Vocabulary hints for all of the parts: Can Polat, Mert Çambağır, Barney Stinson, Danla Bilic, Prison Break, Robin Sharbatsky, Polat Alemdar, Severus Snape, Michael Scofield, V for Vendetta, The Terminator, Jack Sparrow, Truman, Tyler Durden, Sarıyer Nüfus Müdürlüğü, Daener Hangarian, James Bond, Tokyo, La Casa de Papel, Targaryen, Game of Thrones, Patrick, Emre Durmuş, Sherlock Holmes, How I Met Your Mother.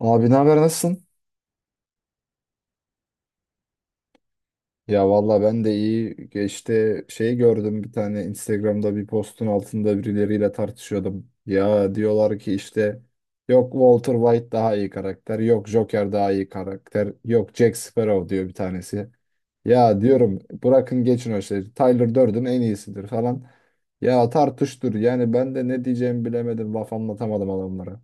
Abi ne haber, nasılsın? Ya valla ben de iyi. Geçti gördüm bir tane Instagram'da bir postun altında birileriyle tartışıyordum. Ya diyorlar ki işte yok Walter White daha iyi karakter, yok Joker daha iyi karakter, yok Jack Sparrow diyor bir tanesi. Ya diyorum bırakın geçin o şeyi. Tyler Durden en iyisidir falan. Ya tartıştır yani, ben de ne diyeceğimi bilemedim, laf anlatamadım adamlara.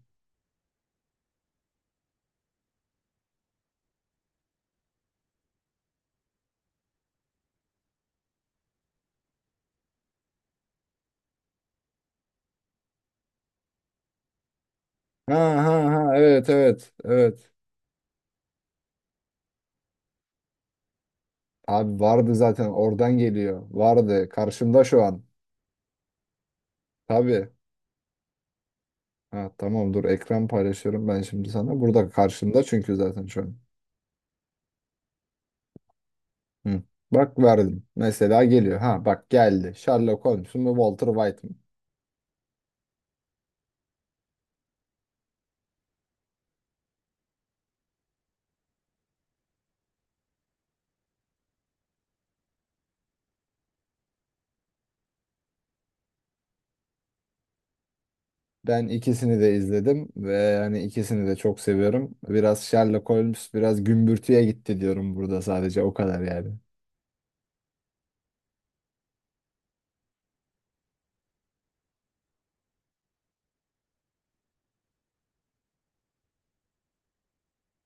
Ha ha ha, evet evet evet. Abi vardı zaten, oradan geliyor. Vardı. Karşımda şu an. Tabii. Ha, tamam, dur ekran paylaşıyorum ben şimdi sana. Burada karşımda çünkü zaten şu an. Hı. Bak, verdim. Mesela geliyor. Ha bak, geldi. Sherlock Holmes mu Walter White mı? Ben ikisini de izledim ve yani ikisini de çok seviyorum. Biraz Sherlock Holmes biraz gümbürtüye gitti diyorum burada, sadece o kadar yani.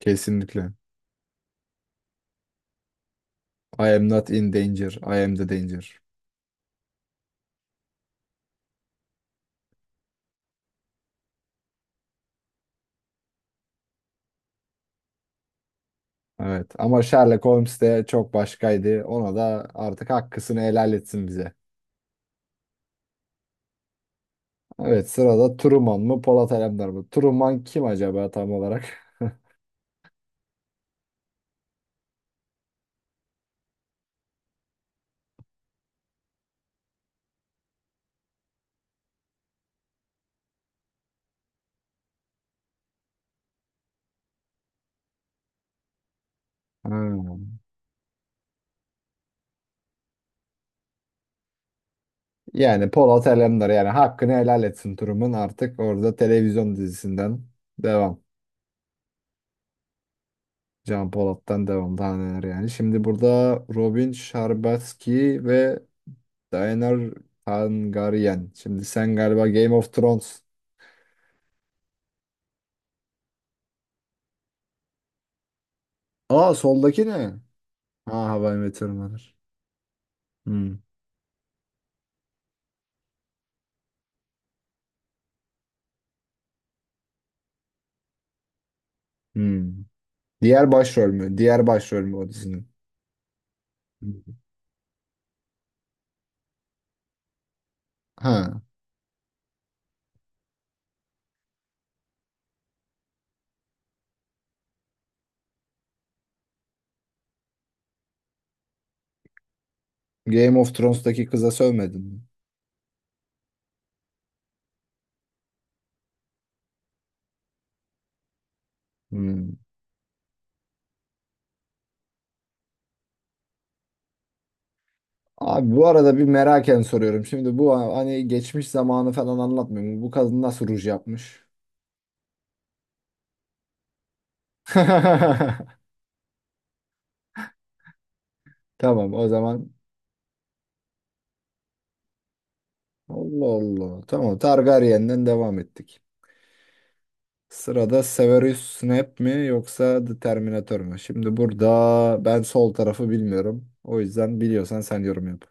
Kesinlikle. I am not in danger. I am the danger. Evet ama Sherlock Holmes de çok başkaydı. Ona da artık hakkısını helal etsin bize. Evet, sırada Truman mı Polat Alemdar mı? Truman kim acaba tam olarak? Hmm. Yani Polat Alemdar, yani hakkını helal etsin Truman, artık orada televizyon dizisinden devam. Can Polat'tan devam, daha neler yani. Şimdi burada Robin Sharbatsky ve Daener Hangarian. Şimdi sen galiba Game of Thrones. Aa, soldaki ne? Ha, How I Met Your Mother. Hmm. Hmm. Diğer başrol mü? Diğer başrol mü o dizinin? Hmm. Ha. Game of Thrones'taki kıza sövmedin mi? Hmm. Abi bu arada bir meraken soruyorum. Şimdi bu, hani geçmiş zamanı falan anlatmıyorum. Bu kadın nasıl ruj yapmış? Tamam o zaman. Allah Allah. Tamam, Targaryen'den devam ettik. Sırada Severus Snape mi yoksa The Terminator mu? Şimdi burada ben sol tarafı bilmiyorum. O yüzden biliyorsan sen yorum yap.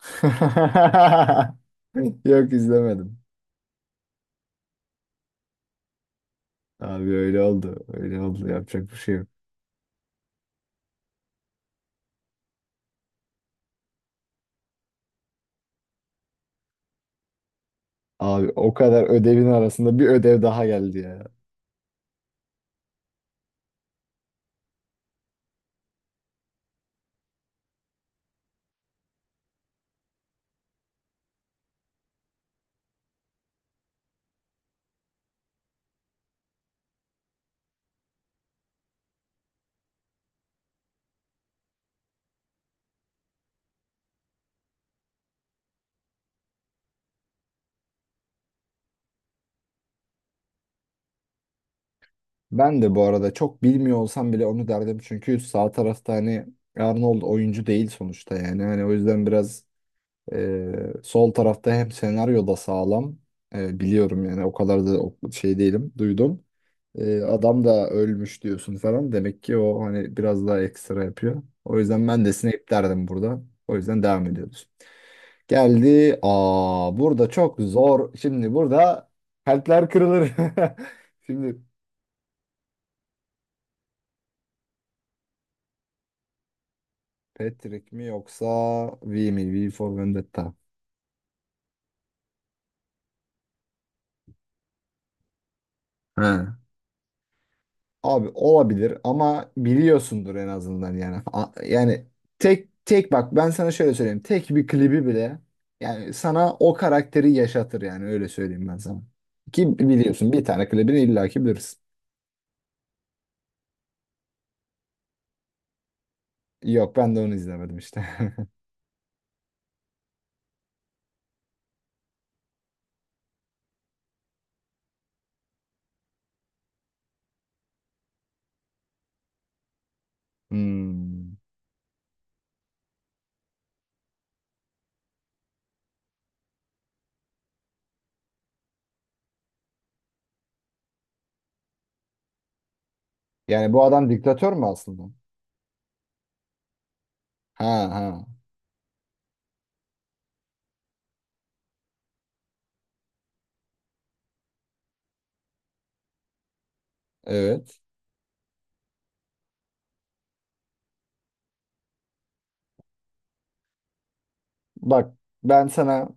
Yok, izlemedim. Abi öyle oldu. Öyle oldu. Yapacak bir şey yok. Abi o kadar ödevin arasında bir ödev daha geldi ya. Ben de bu arada çok bilmiyor olsam bile onu derdim. Çünkü sağ tarafta hani Arnold oyuncu değil sonuçta yani. Hani o yüzden biraz sol tarafta hem senaryo da sağlam. Biliyorum yani, o kadar da şey değilim. Duydum. Adam da ölmüş diyorsun falan. Demek ki o hani biraz daha ekstra yapıyor. O yüzden ben de Snape derdim burada. O yüzden devam ediyoruz. Geldi. Aa, burada çok zor. Şimdi burada kalpler kırılır. Şimdi Patrick mi yoksa V mi? V for Vendetta. He. Abi olabilir ama biliyorsundur en azından yani. Yani tek tek bak, ben sana şöyle söyleyeyim. Tek bir klibi bile yani sana o karakteri yaşatır yani, öyle söyleyeyim ben sana. Ki biliyorsun, bir tane klibini illaki bilirsin. Yok, ben de onu izlemedim işte. Hmm. Yani bu adam diktatör mü aslında? Ha ha. Evet. Bak ben sana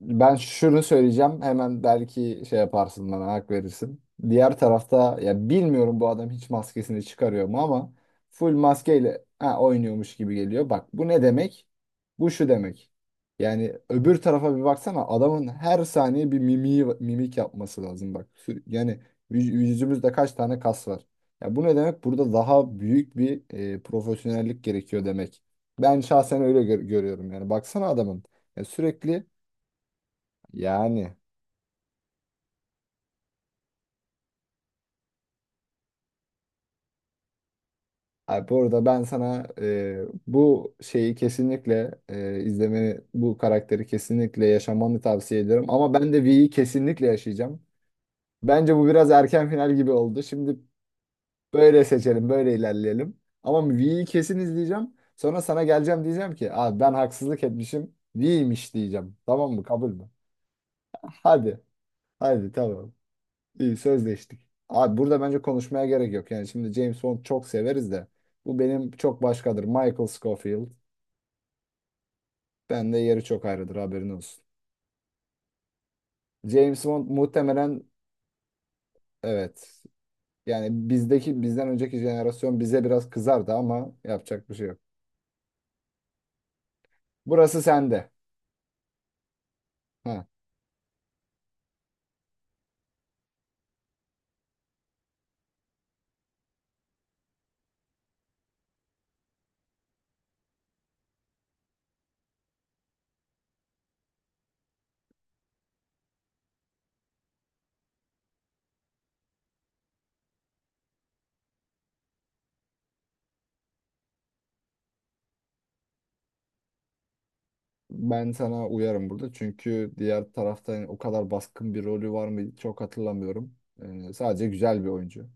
Ben şunu söyleyeceğim. Hemen belki şey yaparsın, bana hak verirsin. Diğer tarafta ya, bilmiyorum, bu adam hiç maskesini çıkarıyor mu, ama full maskeyle ha, oynuyormuş gibi geliyor. Bak bu ne demek? Bu şu demek. Yani öbür tarafa bir baksana, adamın her saniye bir mimiği, mimik yapması lazım bak. Yani yüzümüzde kaç tane kas var? Ya bu ne demek? Burada daha büyük bir profesyonellik gerekiyor demek. Ben şahsen öyle görüyorum yani. Baksana adamın. Ya sürekli yani, abi bu arada ben sana bu şeyi kesinlikle izlemeni, bu karakteri kesinlikle yaşamanı tavsiye ederim. Ama ben de V'yi kesinlikle yaşayacağım. Bence bu biraz erken final gibi oldu. Şimdi böyle seçelim, böyle ilerleyelim. Ama V'yi kesin izleyeceğim. Sonra sana geleceğim, diyeceğim ki abi ben haksızlık etmişim. V'ymiş diyeceğim. Tamam mı? Kabul mü? Hadi. Hadi tamam. İyi, sözleştik. Abi burada bence konuşmaya gerek yok. Yani şimdi James Bond çok severiz de bu benim çok başkadır. Michael Scofield. Ben de yeri çok ayrıdır, haberin olsun. James Bond muhtemelen evet. Yani bizdeki, bizden önceki jenerasyon bize biraz kızardı ama yapacak bir şey yok. Burası sende. Ha. Ben sana uyarım burada, çünkü diğer tarafta yani o kadar baskın bir rolü var mı çok hatırlamıyorum. Sadece güzel bir oyuncu.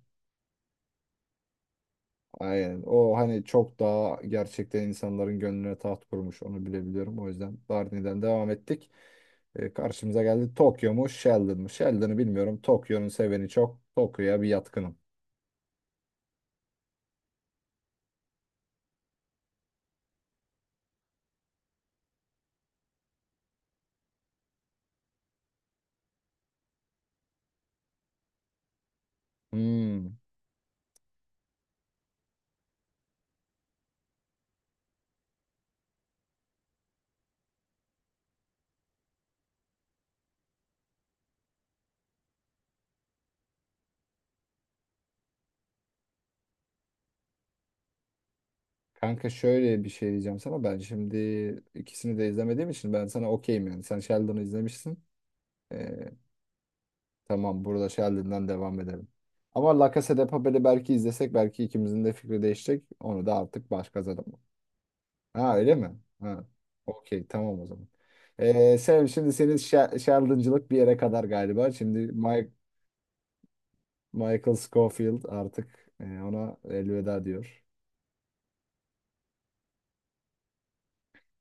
Aynen. O hani çok daha gerçekten insanların gönlüne taht kurmuş. Onu bilebiliyorum. O yüzden Barney'den devam ettik. Karşımıza geldi, Tokyo mu Sheldon mu? Sheldon'ı bilmiyorum. Tokyo'nun seveni çok. Tokyo'ya bir yatkınım. Hmm. Kanka şöyle bir şey diyeceğim sana. Ben şimdi ikisini de izlemediğim için ben sana okeyim yani. Sen Sheldon'ı izlemişsin. Ee, tamam, burada Sheldon'dan devam edelim. Ama La Casa de Papel'i belki izlesek belki ikimizin de fikri değişecek. Onu da artık başka zaman. Ha öyle mi? Ha. Okey, tamam o zaman. Sam, şimdi senin şarlıncılık bir yere kadar galiba. Şimdi Mike, Michael Scofield artık ona elveda diyor.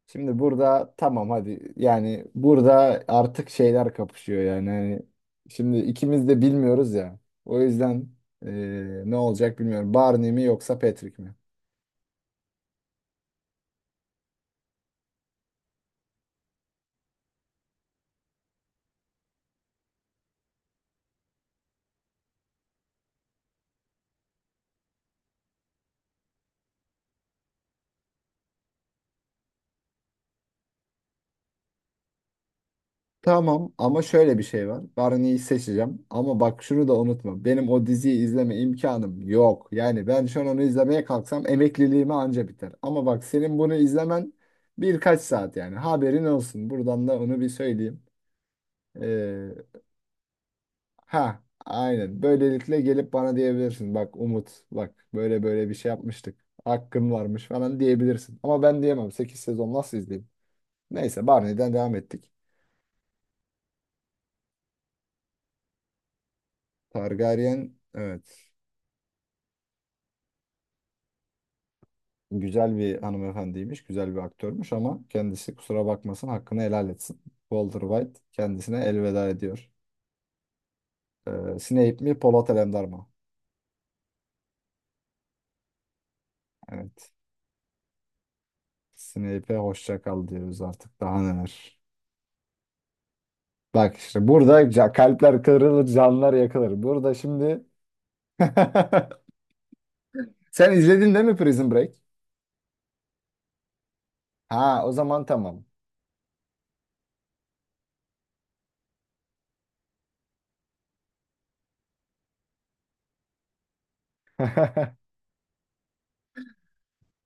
Şimdi burada tamam hadi, yani burada artık şeyler kapışıyor yani. Hani şimdi ikimiz de bilmiyoruz ya. O yüzden e, ne olacak bilmiyorum. Barney mi yoksa Patrick mi? Tamam ama şöyle bir şey var. Barney'i seçeceğim. Ama bak şunu da unutma. Benim o diziyi izleme imkanım yok. Yani ben şu an onu izlemeye kalksam emekliliğime anca biter. Ama bak, senin bunu izlemen birkaç saat yani. Haberin olsun. Buradan da onu bir söyleyeyim. Ee, ha aynen. Böylelikle gelip bana diyebilirsin. Bak Umut, bak böyle böyle bir şey yapmıştık. Hakkın varmış falan diyebilirsin. Ama ben diyemem. 8 sezon nasıl izleyeyim? Neyse, Barney'den devam ettik. Targaryen, evet. Güzel bir hanımefendiymiş, güzel bir aktörmüş ama kendisi kusura bakmasın, hakkını helal etsin. Walter White kendisine elveda ediyor. Snape mi Polat Alemdar mı? Evet. Snape'e hoşça kal diyoruz artık, daha neler. Bak işte burada kalpler kırılır, canlar yakılır. Burada şimdi... Sen izledin değil mi Prison Break? Ha, o zaman tamam.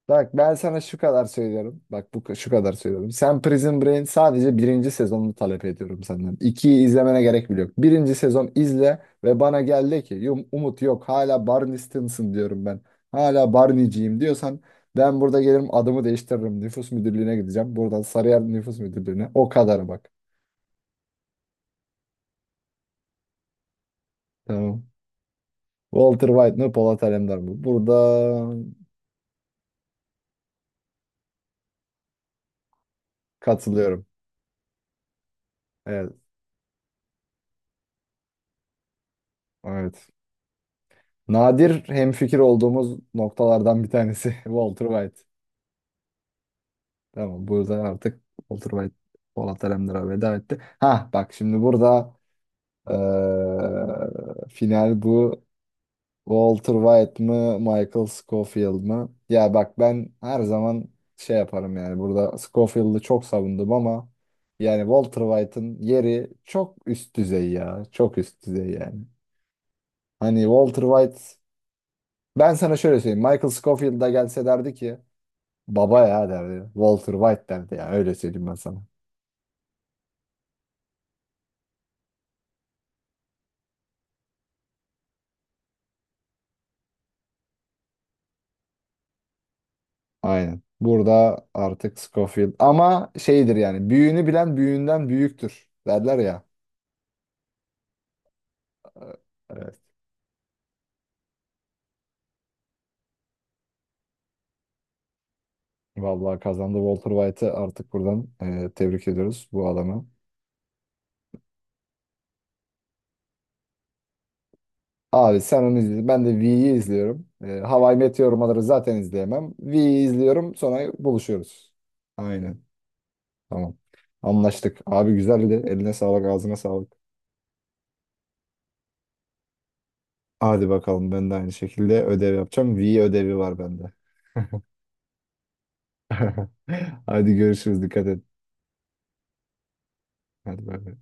Bak ben sana şu kadar söylüyorum. Bak bu şu kadar söylüyorum. Sen Prison Break'in sadece birinci sezonunu talep ediyorum senden. İkiyi izlemene gerek bile yok. Birinci sezon izle ve bana gel de ki Umut yok, hala Barney Stinson diyorum ben. Hala Barney'ciyim" diyorsan ben burada gelirim, adımı değiştiririm. Nüfus müdürlüğüne gideceğim. Buradan Sarıyer Nüfus Müdürlüğüne. O kadar bak. Tamam. Walter White mi Polat Alemdar mı? Burada katılıyorum. Evet. Evet. Nadir hemfikir olduğumuz noktalardan bir tanesi Walter White. Tamam, burada artık Walter White Polat Alemdar'a veda etti. Ha bak şimdi burada final bu. Walter White mı Michael Scofield mı? Ya bak, ben her zaman şey yaparım yani, burada Scofield'ı çok savundum ama yani Walter White'ın yeri çok üst düzey ya. Çok üst düzey yani. Hani Walter White, ben sana şöyle söyleyeyim. Michael Scofield da gelse derdi ki, baba ya derdi. Walter White derdi ya. Öyle söyleyeyim ben sana. Aynen. Burada artık Scofield. Ama şeydir yani. Büyüğünü bilen büyüğünden büyüktür. Derler ya. Evet. Vallahi kazandı. Walter White'ı artık buradan tebrik ediyoruz bu adamı. Abi sen onu izle. Ben de V'yi izliyorum. E, How I Met Your Mother'ı zaten izleyemem. V'yi izliyorum. Sonra buluşuyoruz. Aynen. Tamam. Anlaştık. Abi güzeldi. Eline sağlık, ağzına sağlık. Hadi bakalım, ben de aynı şekilde ödev yapacağım. V ödevi var bende. Hadi görüşürüz. Dikkat et. Hadi bay bay.